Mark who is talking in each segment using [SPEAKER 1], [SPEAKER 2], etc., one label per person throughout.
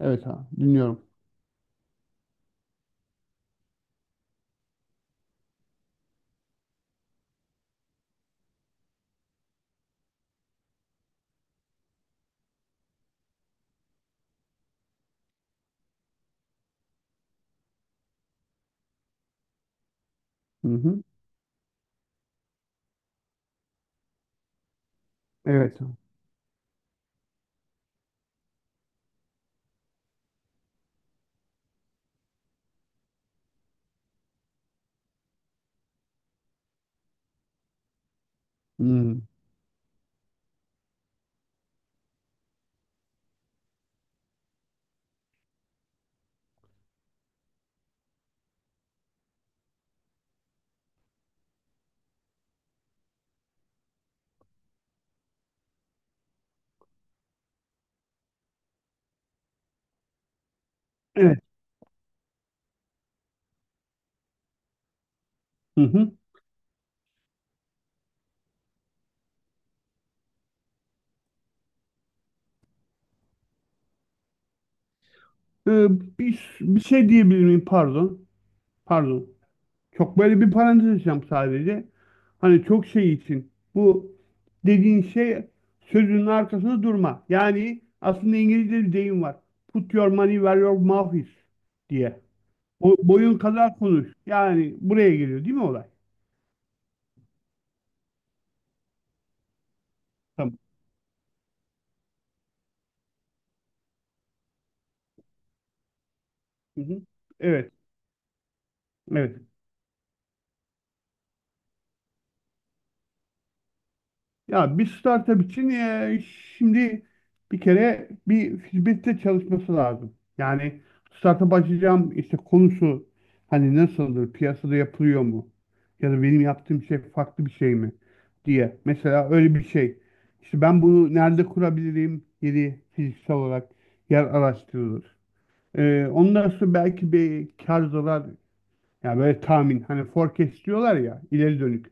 [SPEAKER 1] Evet, ha, dinliyorum. Hı hı. Evet. Hı. Evet. Hı hı. Ee, bir şey diyebilir miyim? Pardon. Pardon. Çok böyle bir parantez açacağım sadece. Hani çok şey için. Bu dediğin şey sözünün arkasında durma. Yani aslında İngilizce bir deyim var. "Put your money where your mouth is" diye. O, boyun kadar konuş. Yani buraya geliyor değil mi olay? Tamam. Hı hı. Evet. Evet. Ya bir startup için şimdi bir kere bir hizmette çalışması lazım. Yani startup açacağım işte, konusu hani nasıldır, piyasada yapılıyor mu? Ya da benim yaptığım şey farklı bir şey mi diye. Mesela öyle bir şey. İşte ben bunu nerede kurabilirim? Yeri fiziksel olarak yer araştırılır. Ondan sonra belki bir kar zarar, yani böyle tahmin, hani forecast diyorlar ya, ileri dönük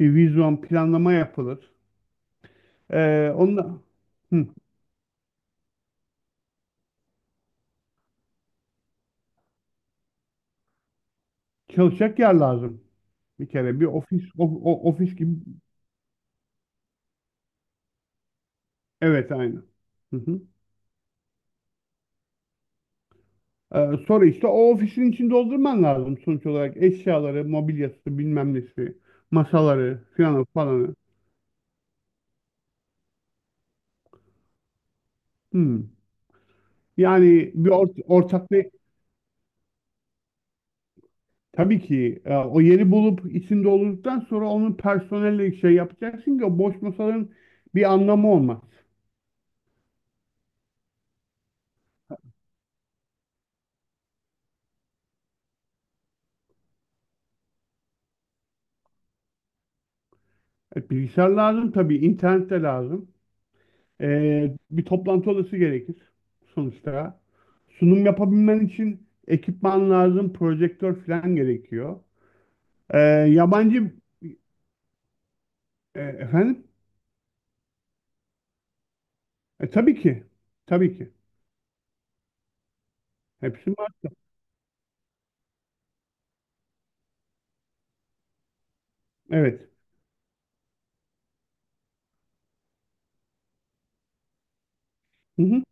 [SPEAKER 1] bir vizyon planlama yapılır. Ee, onunla, hı, çalışacak yer lazım. Bir kere bir ofis, ofis gibi. Evet, aynı. Hı hı. Sonra işte o ofisin içini doldurman lazım sonuç olarak. Eşyaları, mobilyası, bilmem nesi, masaları filan falanı. Hı. Yani bir ortaklığı tabii ki, o yeri bulup içinde olduktan sonra onun personelle şey yapacaksın ki o boş masaların bir anlamı olmaz. Bilgisayar lazım tabii, internet de lazım. Bir toplantı odası gerekir sonuçta. Sunum yapabilmen için ekipman lazım, projektör falan gerekiyor. Ee, yabancı efendim? Tabii ki. Tabii ki. Hepsi var. Evet. Hı hı.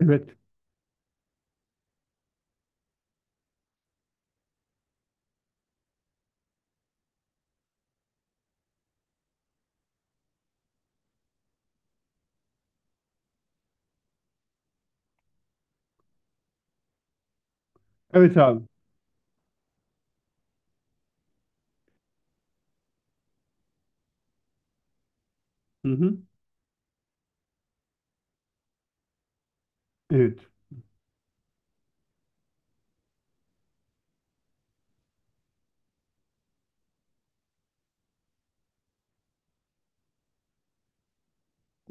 [SPEAKER 1] Evet. Evet abi. Hı hı. Evet.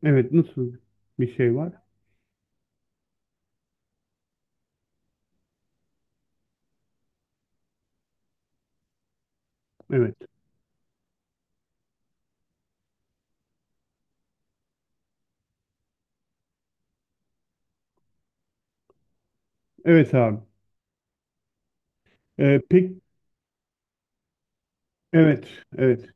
[SPEAKER 1] Evet. Nasıl bir şey var? Evet. Evet abi. Pek evet. Evet.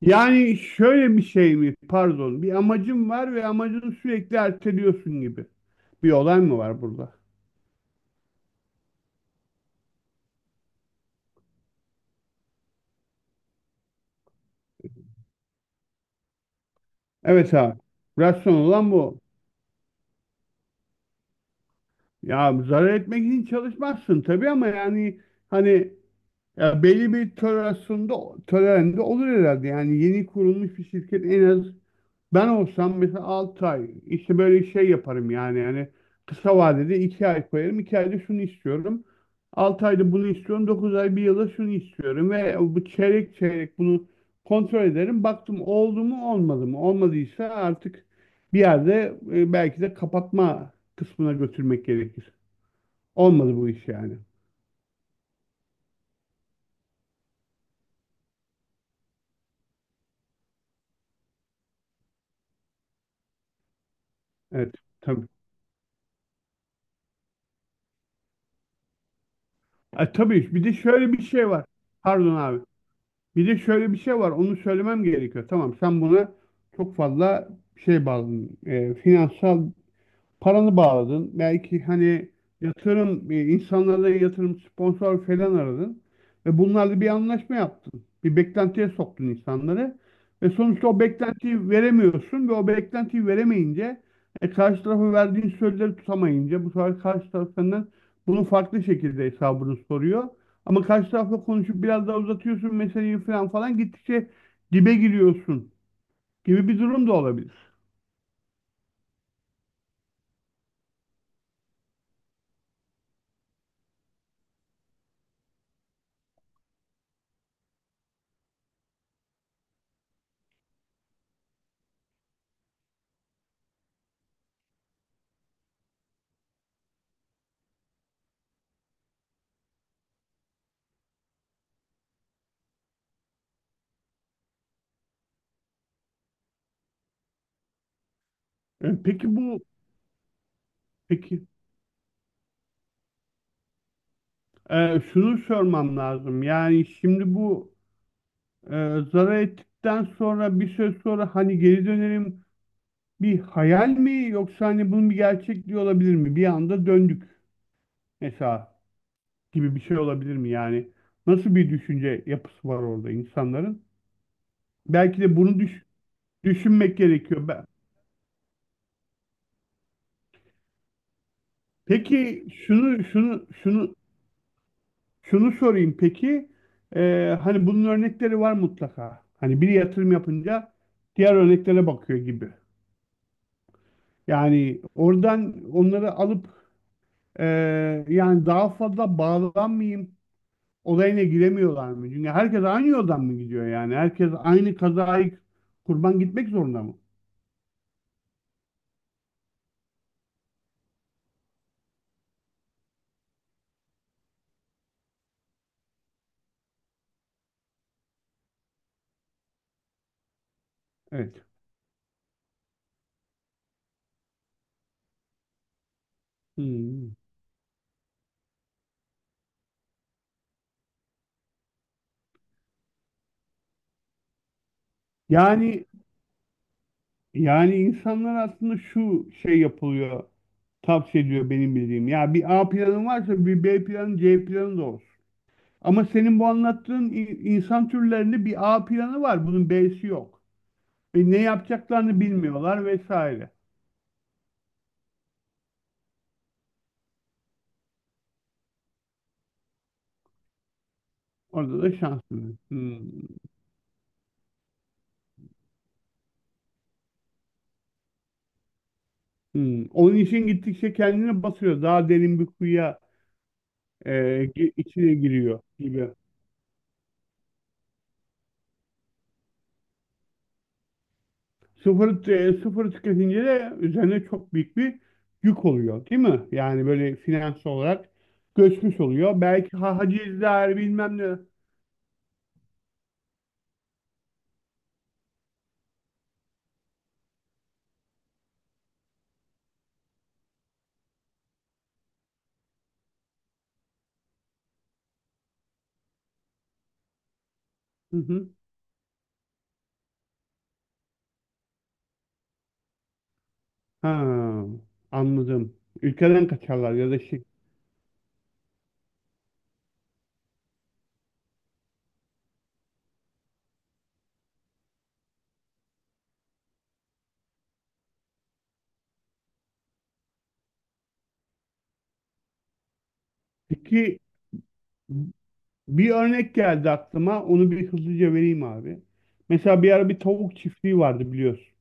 [SPEAKER 1] Yani şöyle bir şey mi? Pardon. Bir amacın var ve amacını sürekli erteliyorsun gibi. Bir olay mı var burada? Evet abi. Rasyon olan bu. Ya zarar etmek için çalışmazsın tabii, ama yani hani, ya belli bir tolerende olur herhalde. Yani yeni kurulmuş bir şirket en az... Ben olsam mesela 6 ay işte böyle şey yaparım. Yani kısa vadede 2 ay koyarım, 2 ayda şunu istiyorum, 6 ayda bunu istiyorum, 9 ay bir yılda şunu istiyorum ve bu çeyrek çeyrek bunu kontrol ederim. Baktım oldu mu olmadı mı, olmadıysa artık bir yerde belki de kapatma kısmına götürmek gerekir. Olmadı bu iş yani. Evet, tabii. Tabii bir de şöyle bir şey var. Pardon abi. Bir de şöyle bir şey var, onu söylemem gerekiyor. Tamam, sen buna çok fazla şey bağladın, finansal paranı bağladın. Belki hani yatırım, insanlara yatırım, sponsor falan aradın. Ve bunlarla bir anlaşma yaptın. Bir beklentiye soktun insanları. Ve sonuçta o beklentiyi veremiyorsun ve o beklentiyi veremeyince karşı tarafa verdiğin sözleri tutamayınca, bu sefer karşı taraf senden bunun farklı şekilde hesabını soruyor. Ama karşı tarafla konuşup biraz daha uzatıyorsun meseleyi, falan falan gittikçe dibe giriyorsun gibi bir durum da olabilir. Peki, bu peki... şunu sormam lazım. Yani şimdi bu zarar ettikten sonra, bir süre sonra hani geri dönerim, bir hayal mi, yoksa hani bunun bir gerçekliği olabilir mi? Bir anda döndük mesela gibi bir şey olabilir mi? Yani nasıl bir düşünce yapısı var orada insanların? Belki de bunu düşünmek gerekiyor. Peki şunu sorayım peki. Hani bunun örnekleri var mutlaka. Hani bir yatırım yapınca diğer örneklere bakıyor gibi. Yani oradan onları alıp e, yani daha fazla bağlanmayayım olayına giremiyorlar mı? Çünkü herkes aynı yoldan mı gidiyor yani? Herkes aynı kazayı kurban gitmek zorunda mı? Evet. Hmm. Yani, insanlar aslında şu şey yapılıyor, tavsiye ediyor benim bildiğim. Ya bir A planın varsa, bir B planı, C planı da olsun. Ama senin bu anlattığın insan türlerinde bir A planı var, bunun B'si yok. Ve ne yapacaklarını bilmiyorlar vesaire. Orada da şanslısın. Hmm. Hmm. Onun için gittikçe kendini basıyor. Daha derin bir kuyuya e, içine giriyor gibi. Sıfır tüketince de üzerine çok büyük bir yük oluyor, değil mi? Yani böyle finansal olarak göçmüş oluyor. Belki hacizler, bilmem ne. Hı hı. Ha, anladım. Ülkeden kaçarlar ya da şey. Peki. Bir örnek geldi aklıma. Onu bir hızlıca vereyim abi. Mesela bir ara bir tavuk çiftliği vardı, biliyorsun.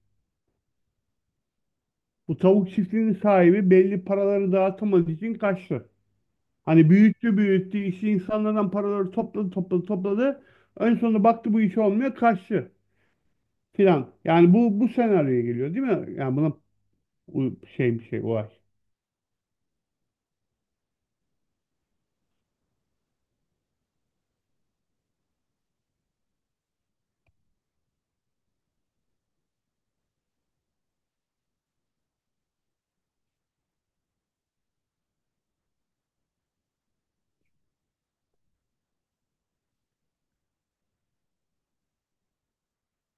[SPEAKER 1] Bu tavuk çiftliğinin sahibi belli paraları dağıtamadığı için kaçtı. Hani büyüttü büyüttü işi, insanlardan paraları topladı topladı topladı. En sonunda baktı bu iş olmuyor, kaçtı filan. Yani bu senaryoya geliyor değil mi? Yani buna bir şey, olay.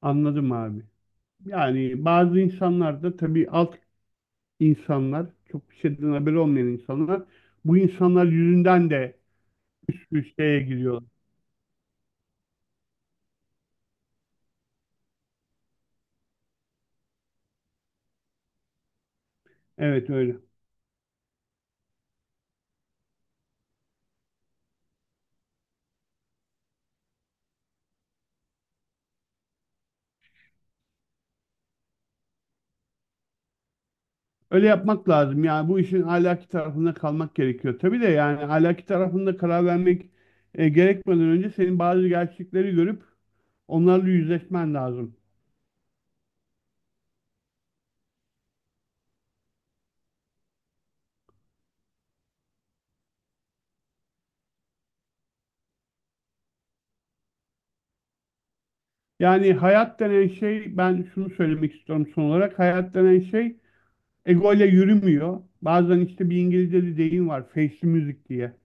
[SPEAKER 1] Anladım abi. Yani bazı insanlar da tabii, alt insanlar, çok bir şeyden haberi olmayan insanlar, bu insanlar yüzünden de üçteye giriyorlar. Evet, öyle. Öyle yapmak lazım. Yani bu işin ahlaki tarafında kalmak gerekiyor. Tabii de, yani ahlaki tarafında karar vermek gerekmeden önce senin bazı gerçekleri görüp onlarla yüzleşmen lazım. Yani hayat denen şey, ben şunu söylemek istiyorum son olarak, hayat denen şey ego ile yürümüyor. Bazen işte, bir İngilizce bir deyim var, "face music" diye.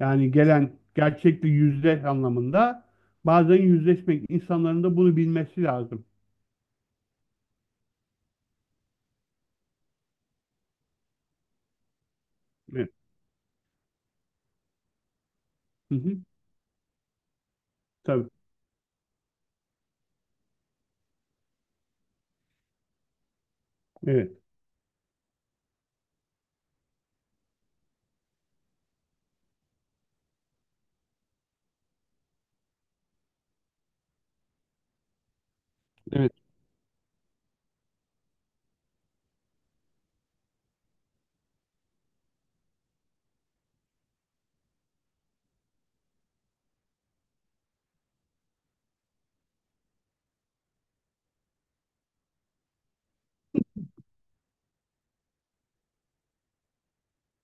[SPEAKER 1] Yani gelen gerçekle yüzleş anlamında. Bazen yüzleşmek, insanların da bunu bilmesi lazım. Evet. Hı hı. Tabii. Evet. Evet.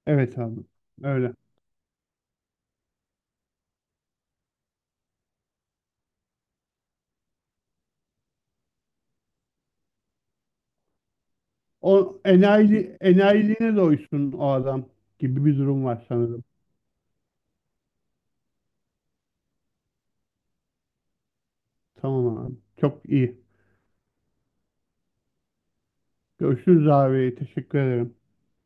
[SPEAKER 1] Evet abi. Öyle. O enayiliğine doysun o adam gibi bir durum var sanırım. Tamam abi. Çok iyi. Görüşürüz abi. Teşekkür ederim.